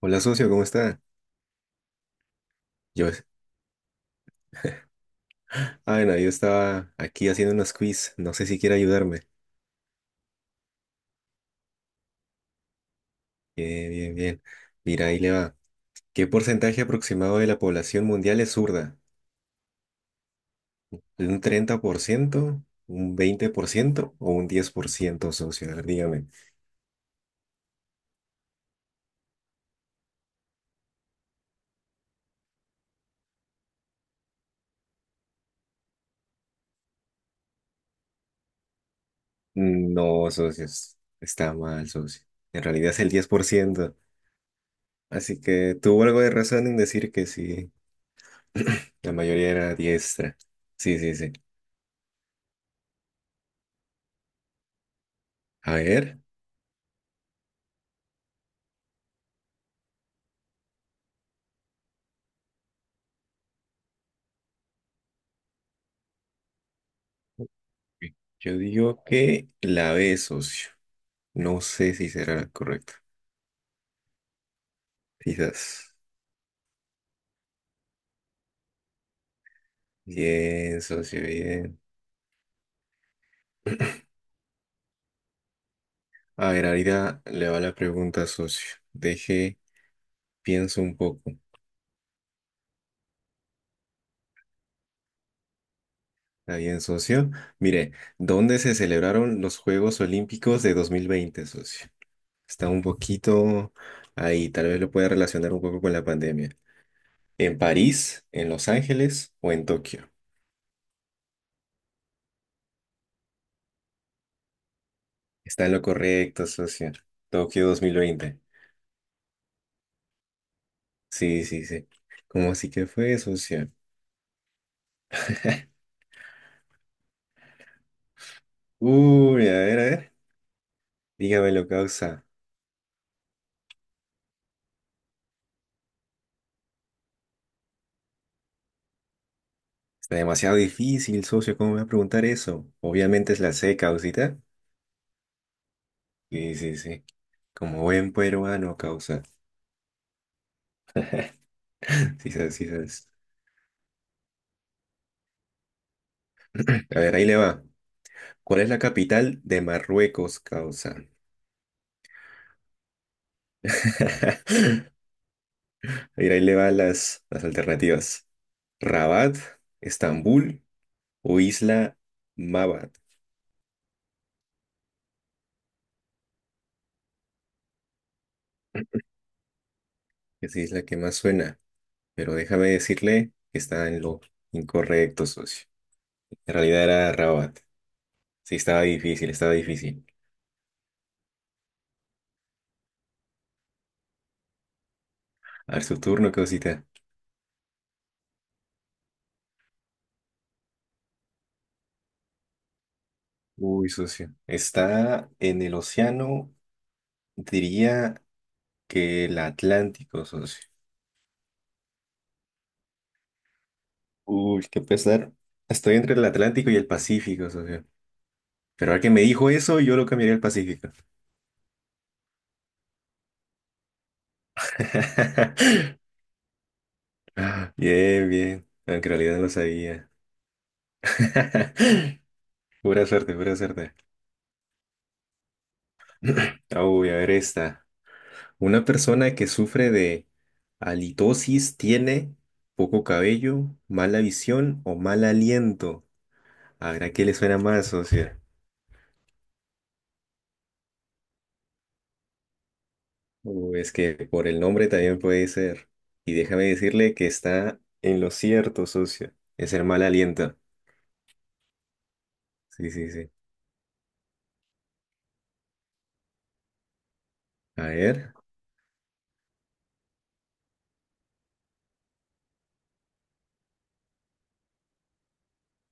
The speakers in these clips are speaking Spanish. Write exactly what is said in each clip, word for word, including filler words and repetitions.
Hola socio, ¿cómo está? Yo, ah, bueno, yo estaba aquí haciendo unos quiz, no sé si quiere ayudarme. Bien, bien, bien. Mira, ahí le va. ¿Qué porcentaje aproximado de la población mundial es zurda? ¿Un treinta por ciento, un veinte por ciento o un diez por ciento, socio? A ver, dígame. No, socio, es- está mal, socio. En realidad es el diez por ciento. Así que tuvo algo de razón en decir que sí, la mayoría era diestra. Sí, sí, sí. A ver. Sí. Yo digo que la B, socio. No sé si será la correcta. Quizás. Bien, socio, bien. A ver, ahorita le va la pregunta, socio. Deje, pienso un poco. ¿Está bien, socio? Mire, ¿dónde se celebraron los Juegos Olímpicos de dos mil veinte, socio? Está un poquito ahí, tal vez lo pueda relacionar un poco con la pandemia. ¿En París, en Los Ángeles o en Tokio? Está en lo correcto, socio. Tokio dos mil veinte. Sí, sí, sí. ¿Cómo así que fue, socio? Uy, a ver, a ver. Dígame lo, causa. Está demasiado difícil, socio. ¿Cómo me va a preguntar eso? Obviamente es la C, causita. Sí, sí, sí. Como buen peruano, causa. Sí, sabes, sí, sabes. A ver, ahí le va. ¿Cuál es la capital de Marruecos, causa? Mira, ahí le van las, las alternativas. Rabat, Estambul o Isla Mabat. Esa isla que más suena. Pero déjame decirle que está en lo incorrecto, socio. En realidad era Rabat. Sí, estaba difícil, estaba difícil. A ver, su turno, ¿qué cosita? Uy, socio. Está en el océano, diría que el Atlántico, socio. Uy, qué pesar. Estoy entre el Atlántico y el Pacífico, socio. Pero al que me dijo eso, yo lo cambiaría al Pacífico. Bien, bien. Aunque en realidad no lo sabía. Pura suerte, pura suerte. Uy, a ver esta. Una persona que sufre de halitosis tiene poco cabello, mala visión o mal aliento. ¿Habrá qué le suena más, socio? O es que por el nombre también puede ser. Y déjame decirle que está en lo cierto, socio. Es el mal aliento. Sí, sí, sí. A ver,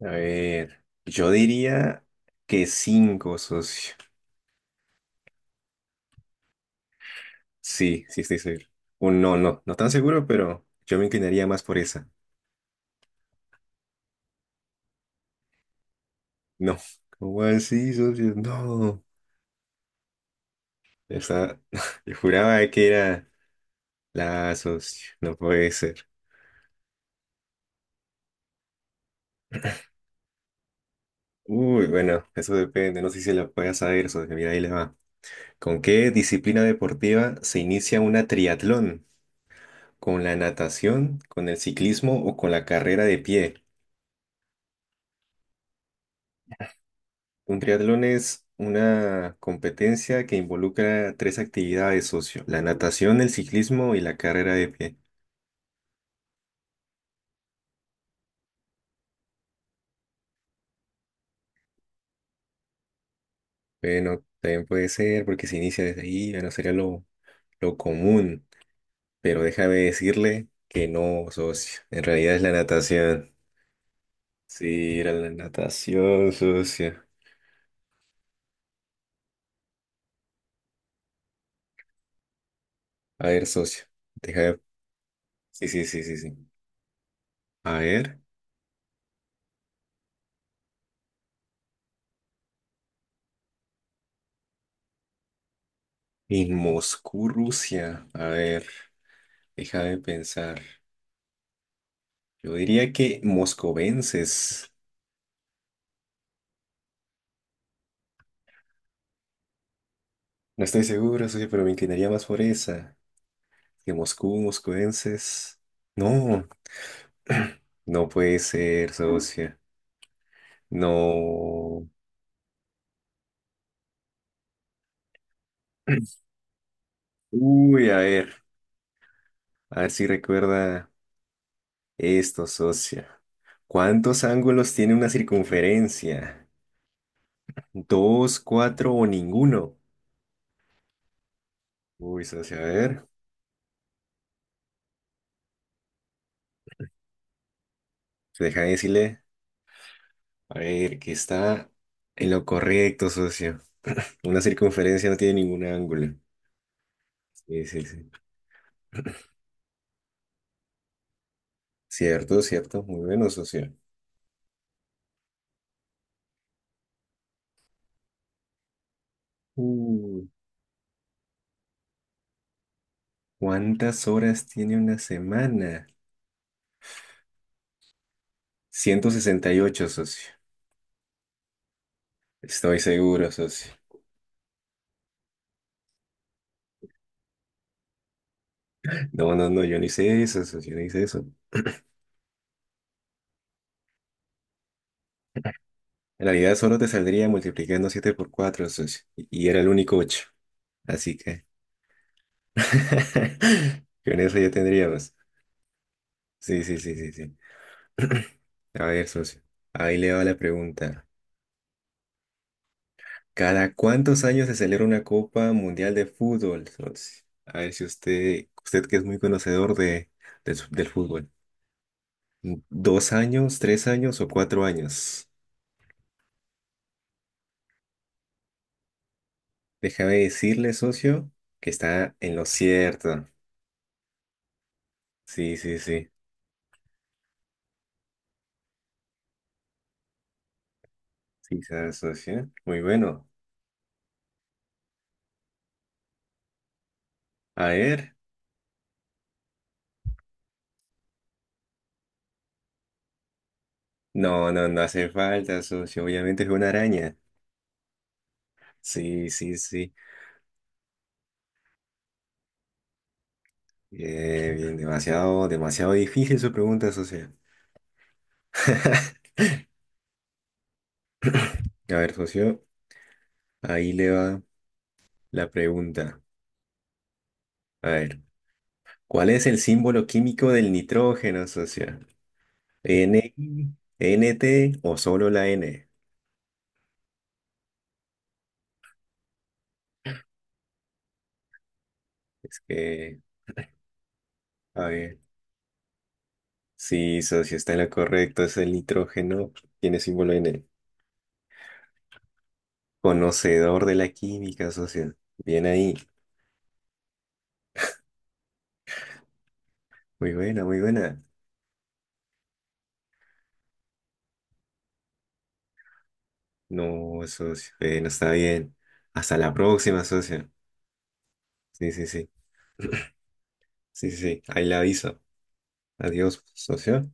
a ver. Yo diría que cinco, socio. Sí, sí estoy seguro. O no, no, no tan seguro, pero yo me inclinaría más por esa. No, ¿cómo así, socio? No, esa, yo juraba que era la, socio, no puede ser. Uy, bueno, eso depende, no sé si la puedas saber, socio, mira, ahí le va. ¿Con qué disciplina deportiva se inicia una triatlón? ¿Con la natación, con el ciclismo o con la carrera de pie? Un triatlón es una competencia que involucra tres actividades, socio: la natación, el ciclismo y la carrera de pie. Bueno, también puede ser porque se inicia desde ahí, bueno, sería lo, lo común, pero déjame decirle que no, socio. En realidad es la natación. Sí, era la natación, socio. A ver, socio, déjame. Sí, sí, sí, sí, sí. A ver, en Moscú, Rusia. A ver, déjame pensar. Yo diría que moscovenses. No estoy seguro, socio, pero me inclinaría más por esa. Que Moscú, moscovenses. No. No puede ser, socia. No. Uy, a ver. A ver si recuerda esto, socia. ¿Cuántos ángulos tiene una circunferencia? ¿Dos, cuatro o ninguno? Uy, socia, a ver. Deja de decirle. A ver, que está en lo correcto, socia. Una circunferencia no tiene ningún ángulo. Sí, sí, sí. Cierto, cierto. Muy bueno, socia. Uh, ¿cuántas horas tiene una semana? Ciento sesenta y ocho, socio. Estoy seguro, socio. No, no, no, yo no hice eso, socio, yo no hice eso. En realidad solo te saldría multiplicando siete por cuatro, socio. Y y era el único ocho. Así que... Con eso ya tendríamos. Sí, sí, sí, sí, sí. A ver, socio. Ahí le va la pregunta. ¿Cada cuántos años se celebra una Copa Mundial de Fútbol, socio? A ver si usted, usted que es muy conocedor de, del del fútbol. ¿Dos años, tres años o cuatro años? Déjame decirle, socio, que está en lo cierto. Sí, sí, sí. Sí, sabe, socio. Muy bueno. A ver. No, no, no hace falta, socio. Obviamente es una araña. Sí, sí, sí. Eh, bien, demasiado, demasiado difícil su pregunta, socio. A ver, socio, ahí le va la pregunta. A ver, ¿cuál es el símbolo químico del nitrógeno, socio? ¿N I, N T o solo la N? Es que, a ver. Sí, socio, está en lo correcto. Es el nitrógeno. Tiene símbolo en él. Conocedor de la química, socio. Bien ahí. Muy buena, muy buena. No, socio. eh, no está bien. Hasta la próxima, socio. Sí, sí, sí. Sí, sí, sí. Ahí la aviso. Adiós, socio.